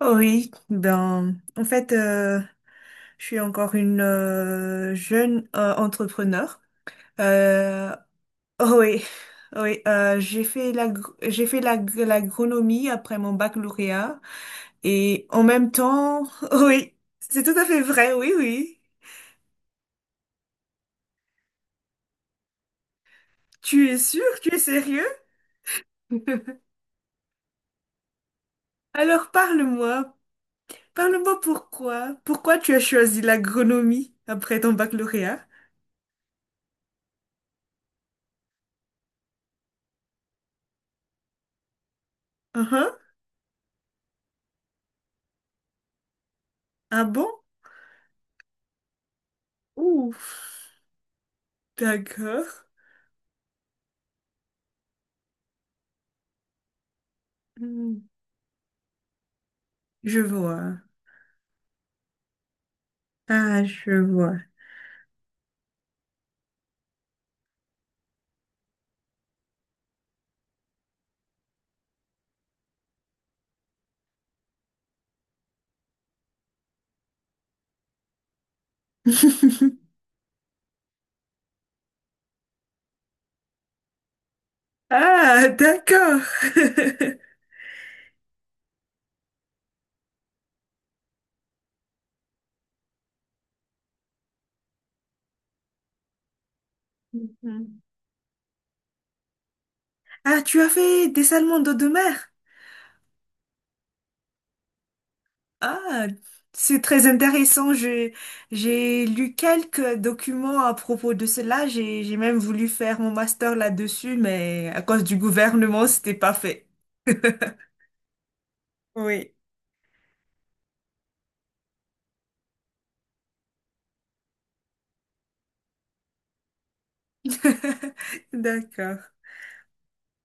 Oh Oui, ben, en fait, euh, je suis encore une jeune entrepreneur. Euh, oh oui, oh oui, euh, j'ai fait la, j'ai fait l'agronomie après mon baccalauréat et en même temps, oui, c'est tout à fait vrai, oui, oui. Tu es sûr? Tu es sérieux? Alors parle-moi pourquoi, pourquoi tu as choisi l'agronomie après ton baccalauréat? Uhum. Ah bon? Ouf. D'accord. Hmm, je vois. Ah, je vois. Ah, d'accord. Mhm. Ah, tu as fait des salmons d'eau de mer? Ah, c'est très intéressant. J'ai lu quelques documents à propos de cela. J'ai même voulu faire mon master là-dessus, mais à cause du gouvernement, c'était pas fait. Oui. D'accord.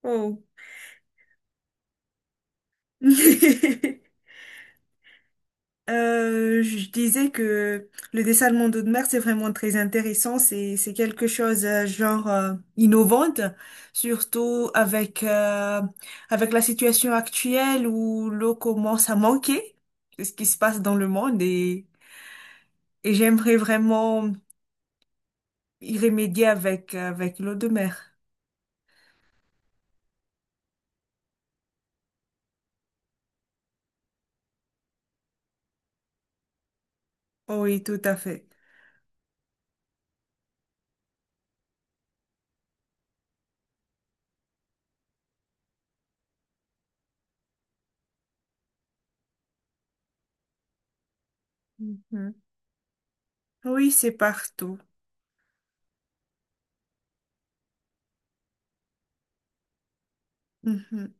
Oh. Je disais que le dessin de Monde de Mer, c'est vraiment très intéressant. C'est quelque chose genre innovante, surtout avec la situation actuelle où l'eau commence à manquer, c'est ce qui se passe dans le monde et j'aimerais vraiment y remédier avec l'eau de mer. Oui, tout à fait. Mhm. Oui, c'est partout. Mhm.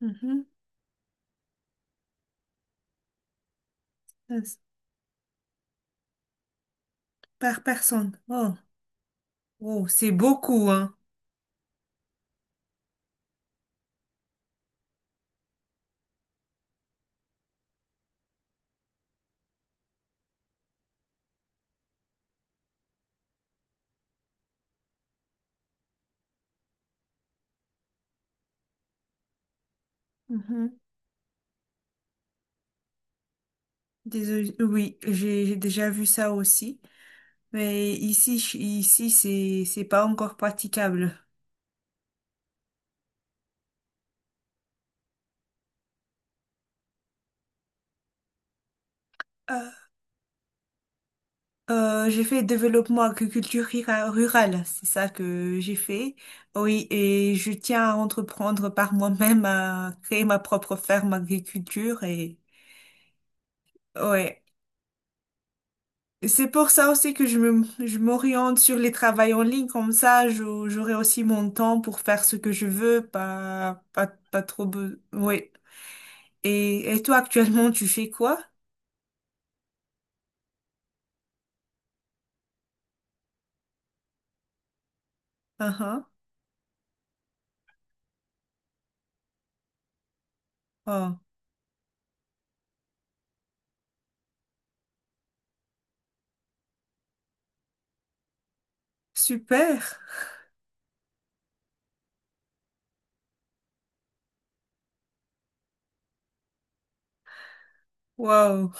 Mhm. Yes. Par personne. Oh, oh, c'est beaucoup, hein. Mhm. Désolé. Oui, j'ai déjà vu ça aussi. Mais ici, ici, c'est pas encore praticable. Euh, j'ai fait développement agriculture rurale, c'est ça que j'ai fait. Oui, et je tiens à entreprendre par moi-même à créer ma propre ferme agriculture et ouais. C'est pour ça aussi que je m'oriente sur les travails en ligne, comme ça j'aurai aussi mon temps pour faire ce que je veux, pas trop Oui. Et toi actuellement tu fais quoi? Uh-huh. Oh, super. Wow.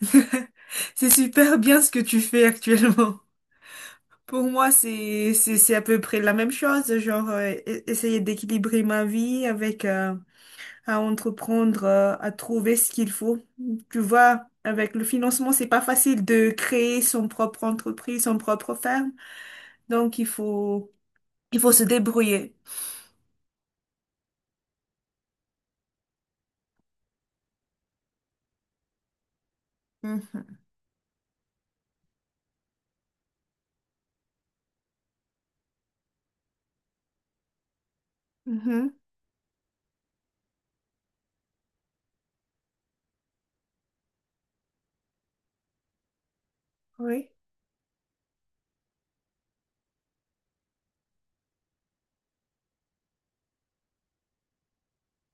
C'est super bien ce que tu fais actuellement. Pour moi, c'est à peu près la même chose, genre essayer d'équilibrer ma vie avec à entreprendre, à trouver ce qu'il faut. Tu vois, avec le financement, c'est pas facile de créer son propre entreprise, son propre ferme, donc il faut se débrouiller. Mhm. Mhm. Oui,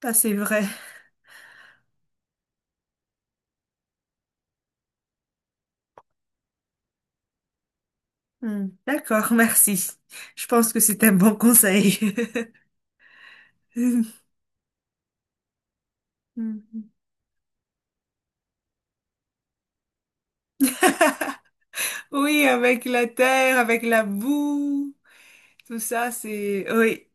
ça c'est vrai. Hmm. D'accord, merci. Je pense que c'est un bon conseil. Mhm. Oui, avec la terre, avec la boue. Tout ça, c'est... Oui.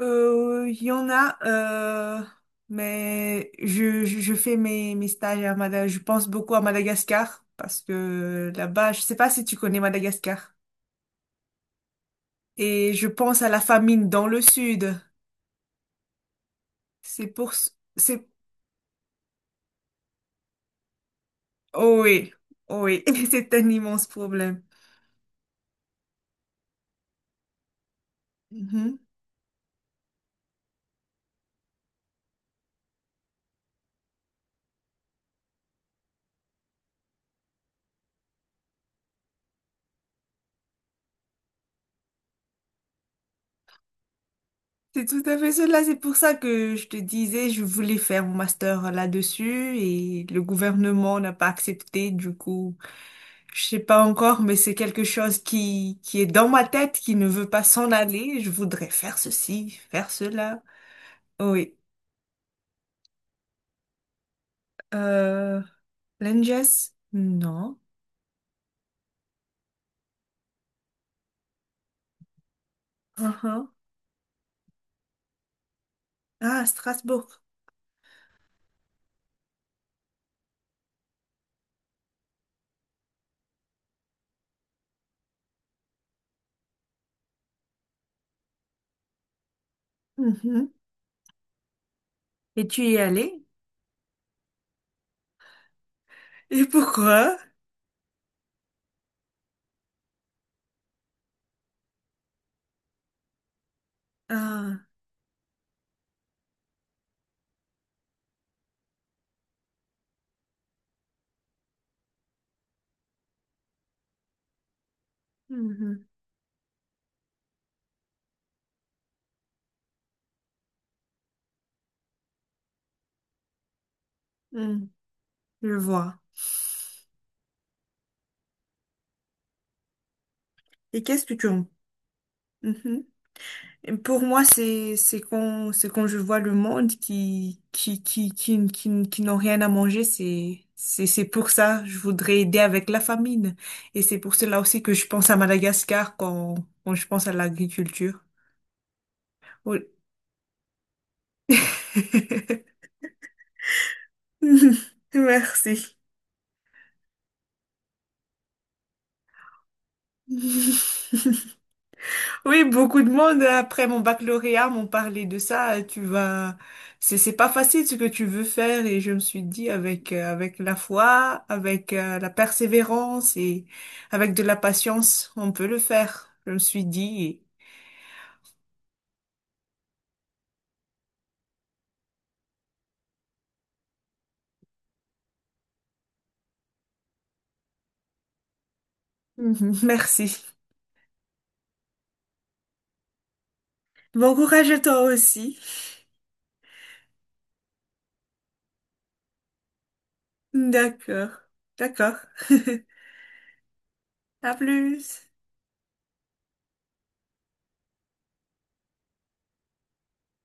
Il y en a, mais je fais mes stages à Madagascar. Je pense beaucoup à Madagascar parce que là-bas, je sais pas si tu connais Madagascar. Et je pense à la famine dans le sud. C'est pour... ce- C'est... Oh oui, oh oui, c'est un immense problème. Mhm. C'est tout à fait cela. C'est pour ça que je te disais, je voulais faire mon master là-dessus et le gouvernement n'a pas accepté. Du coup, je sais pas encore, mais c'est quelque chose qui est dans ma tête, qui ne veut pas s'en aller. Je voudrais faire ceci, faire cela. Oui. Euh, Langes? Non. Uhum. Ah, Strasbourg. Mhm. Et tu y es allé? Et pourquoi? Ah, mhm. Hmm. Je vois. Et qu'est-ce que tu en... Mhm. Pour moi, c'est quand je vois le monde qui n'ont rien à manger, c'est pour ça je voudrais aider avec la famine et c'est pour cela aussi que je pense à Madagascar quand quand je pense à l'agriculture. Oui. Merci. Oui, beaucoup de monde après mon baccalauréat m'ont parlé de ça. Tu vas, c'est pas facile ce que tu veux faire et je me suis dit avec la foi, avec la persévérance et avec de la patience, on peut le faire. Je me suis dit merci. Bon courage à toi aussi. D'accord, d'accord. À plus.